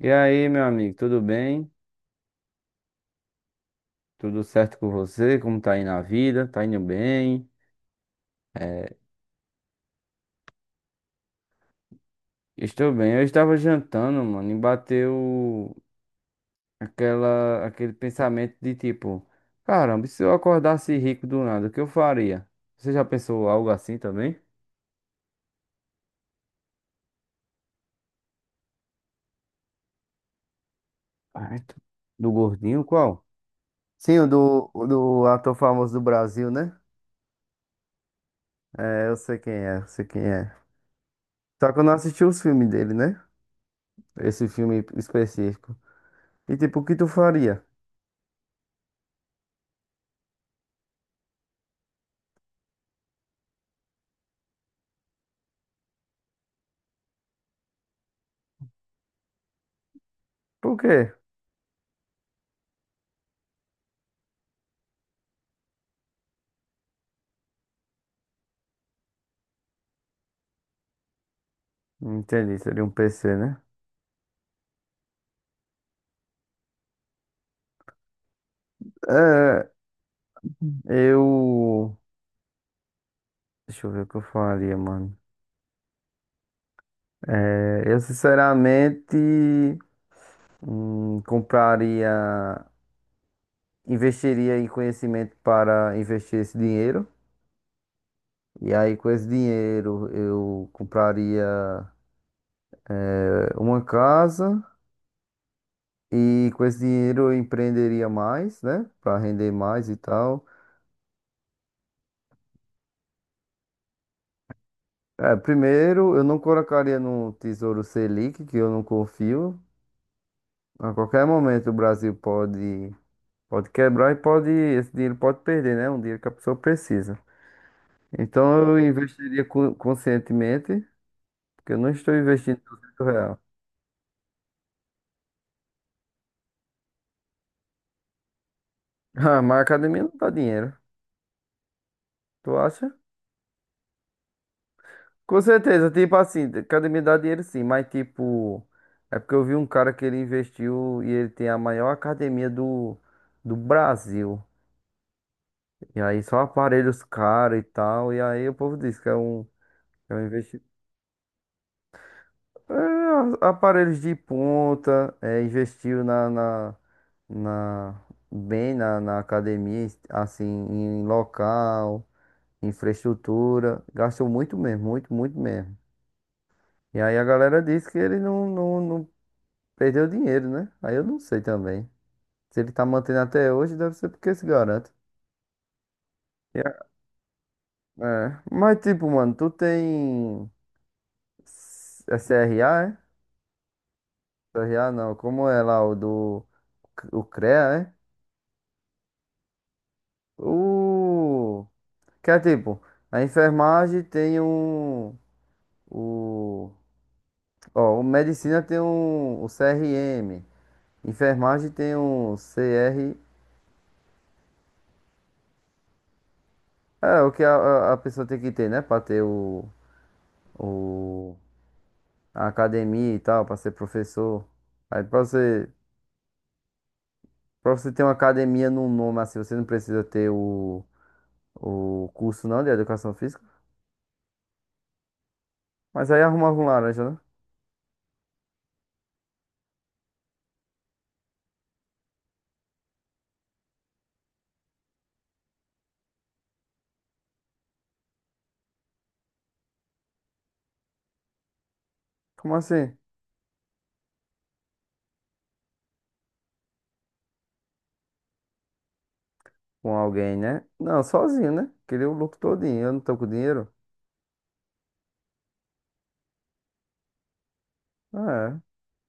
E aí, meu amigo, tudo bem? Tudo certo com você? Como tá aí na vida? Tá indo bem? É, estou bem. Eu estava jantando, mano, e bateu aquele pensamento de tipo, caramba, e se eu acordasse rico do nada, o que eu faria? Você já pensou algo assim também? Ah, é tu- Do gordinho, qual? Sim, o do ator famoso do Brasil, né? É, eu sei quem é, eu sei quem é. Só que eu não assisti os filmes dele, né? Esse filme específico. E tipo, o que tu faria? Por quê? Entendi, seria um PC, né? É, eu. Deixa eu ver o que eu faria, mano. É, eu sinceramente compraria, investiria em conhecimento para investir esse dinheiro. E aí, com esse dinheiro, eu compraria é, uma casa. E com esse dinheiro, eu empreenderia mais, né? Para render mais e tal. É, primeiro, eu não colocaria no Tesouro Selic, que eu não confio. A qualquer momento o Brasil pode, pode quebrar e pode, esse dinheiro pode perder, né? Um dinheiro que a pessoa precisa. Então eu investiria co- conscientemente, porque eu não estou investindo 200 real. Ah, mas a academia não dá dinheiro, tu acha? Com certeza, tipo assim, academia dá dinheiro sim, mas tipo, é porque eu vi um cara que ele investiu e ele tem a maior academia do, do Brasil. E aí só aparelhos caros e tal, e aí o povo diz que é um investimento. É, a- aparelhos de ponta, é, investiu na- bem na, na academia, assim, em local, infraestrutura, gastou muito mesmo, muito, muito mesmo. E aí a galera disse que ele não perdeu dinheiro, né? Aí eu não sei também. Se ele tá mantendo até hoje, deve ser porque se garante. E a- É, mas tipo, mano, tu tem S- é CRA, é? CRA não, como é lá o do o CREA, é? O... Que é tipo, a enfermagem tem um... O... Ó, o medicina tem um... O CRM. Enfermagem tem um CR... É, o que a pessoa tem que ter, né? Pra ter o... A academia e tal, pra ser professor. Aí pra você... Pra você ter uma academia num nome assim, você não precisa ter o... O curso não de educação física. Mas aí arrumava um laranja, né? Como assim? Com alguém, né? Não, sozinho, né? Queria o lucro todinho. Eu não tô com dinheiro? Ah, é.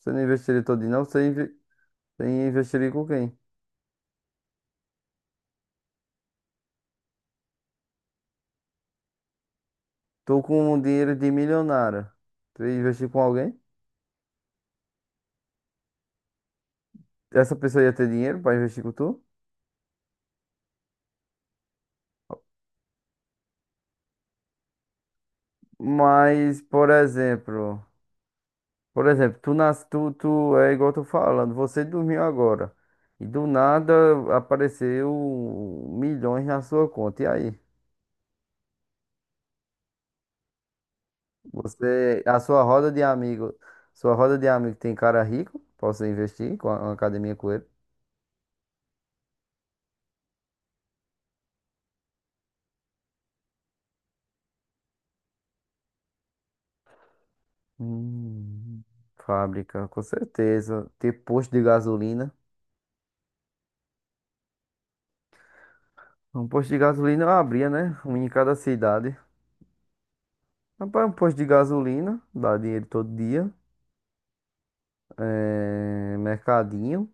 Você não investiria todinho, não? Você, inve... você investiria com quem? Tô com um dinheiro de milionário. Tu ia investir com alguém? Essa pessoa ia ter dinheiro pra investir com tu? Mas, por exemplo... Por exemplo, tu, nas... tu, tu... É igual eu tô falando. Você dormiu agora. E do nada apareceu milhões na sua conta. E aí? Você, a sua roda de amigo, sua roda de amigo tem cara rico? Posso investir com a, uma academia com ele? Hum, fábrica, com certeza. Ter posto de gasolina. Um posto de gasolina eu abria, né? Um em cada cidade. Rapaz, um posto de gasolina, dá dinheiro todo dia. É, mercadinho.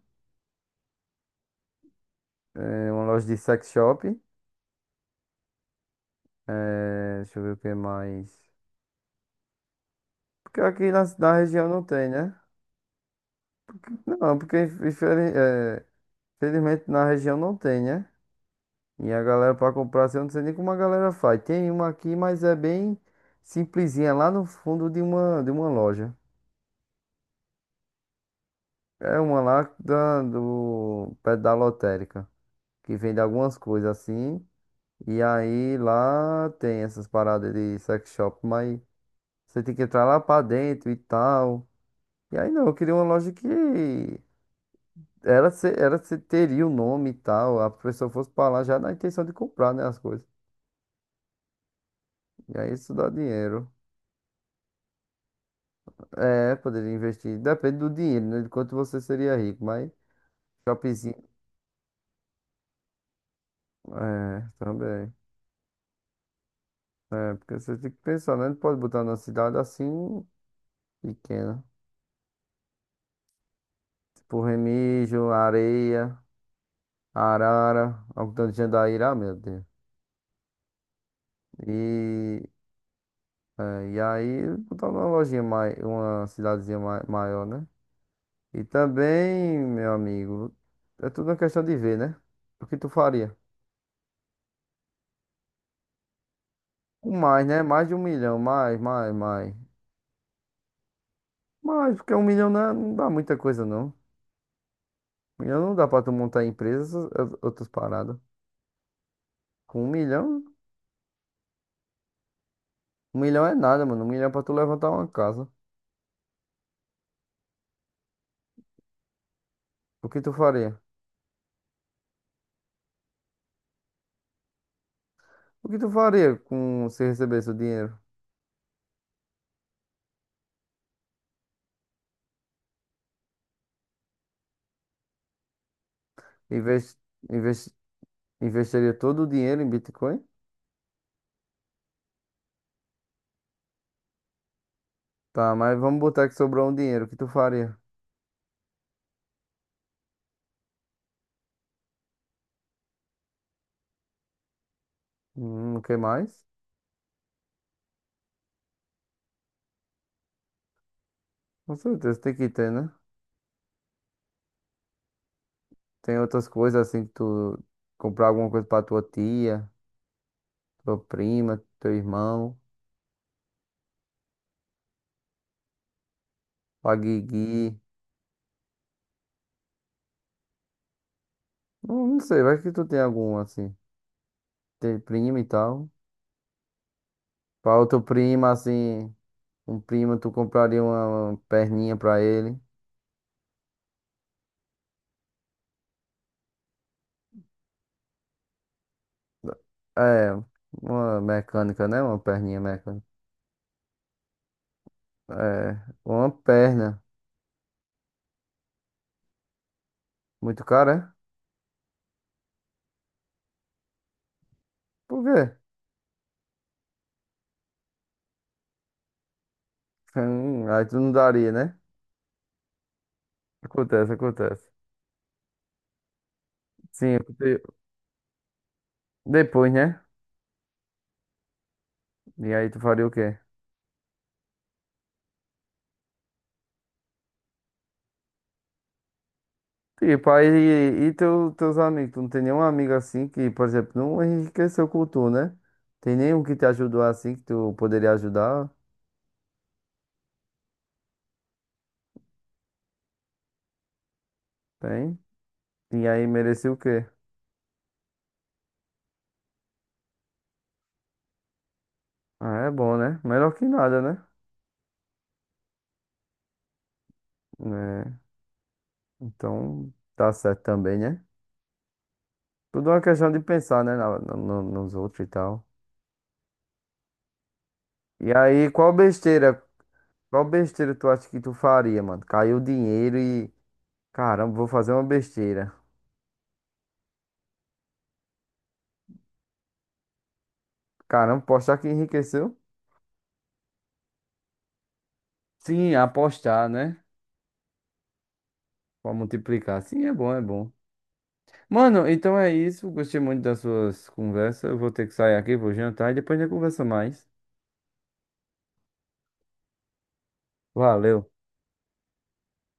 É, uma loja de sex shop. É, deixa eu ver o que mais. Porque aqui na região não tem, né? Não, porque infeliz- é, infelizmente na região não tem, né? E a galera pra comprar, assim, eu não sei nem como a galera faz. Tem uma aqui, mas é bem simplesinha, lá no fundo de uma loja. É uma lá da, do, perto da lotérica, que vende algumas coisas assim. E aí lá tem essas paradas de sex shop, mas você tem que entrar lá pra dentro e tal. E aí não, eu queria uma loja que era se teria o nome e tal. A pessoa fosse pra lá já na intenção de comprar, né, as coisas. E aí isso dá dinheiro. É, poderia investir. Depende do dinheiro, né? De quanto você seria rico, mas shoppingzinho. É, também. É, porque você tem que pensar, né? Não pode botar numa cidade assim pequena. Tipo Remígio, Areia, Arara, Algodão de Jandaíra, ah, meu Deus. E, é, e aí botar numa lojinha mais, uma cidadezinha ma- maior, né? E também, meu amigo, é tudo uma questão de ver, né? O que tu faria? Com mais, né? Mais de um milhão, mais, mais, mais. Mas porque um milhão não é- não dá muita coisa, não. Um milhão não dá pra tu montar empresas, ou- outras paradas. Com um milhão é nada, mano. Um milhão é pra tu levantar uma casa. O que tu faria? O que tu faria com se recebesse o dinheiro? Inves- inves- investiria todo o dinheiro em Bitcoin? Tá, mas vamos botar que sobrou um dinheiro. O que tu faria? O que mais? Com certeza tem que ter, né? Tem outras coisas assim que tu comprar alguma coisa pra tua tia, tua prima, teu irmão, pra Guigui. Não, não sei, vai que tu tem algum assim. Tem primo e tal. Pra outro primo, assim, um primo, tu compraria uma perninha pra ele. É, uma mecânica, né? Uma perninha mecânica. É, uma perna. Muito cara, é? Por quê? Aí tu não daria, né? Acontece, acontece. Sim, eu depois, né? E aí tu faria o quê? Tipo, aí, e teu, teus amigos? Tu não tem nenhum amigo assim que, por exemplo, não enriqueceu com tu, né? Tem nenhum que te ajudou assim que tu poderia ajudar? Tem? E aí merecia o quê? Ah, é bom, né? Melhor que nada, né? Né? Então, tá certo também, né? Tudo é uma questão de pensar, né? Nos outros e tal. E aí, qual besteira? Qual besteira tu acha que tu faria, mano? Caiu o dinheiro e. Caramba, vou fazer uma besteira. Caramba, apostar que enriqueceu? Sim, apostar, né? Pra multiplicar. Sim, é bom, é bom. Mano, então é isso. Gostei muito das suas conversas. Eu vou ter que sair aqui, vou jantar e depois a gente conversa mais. Valeu.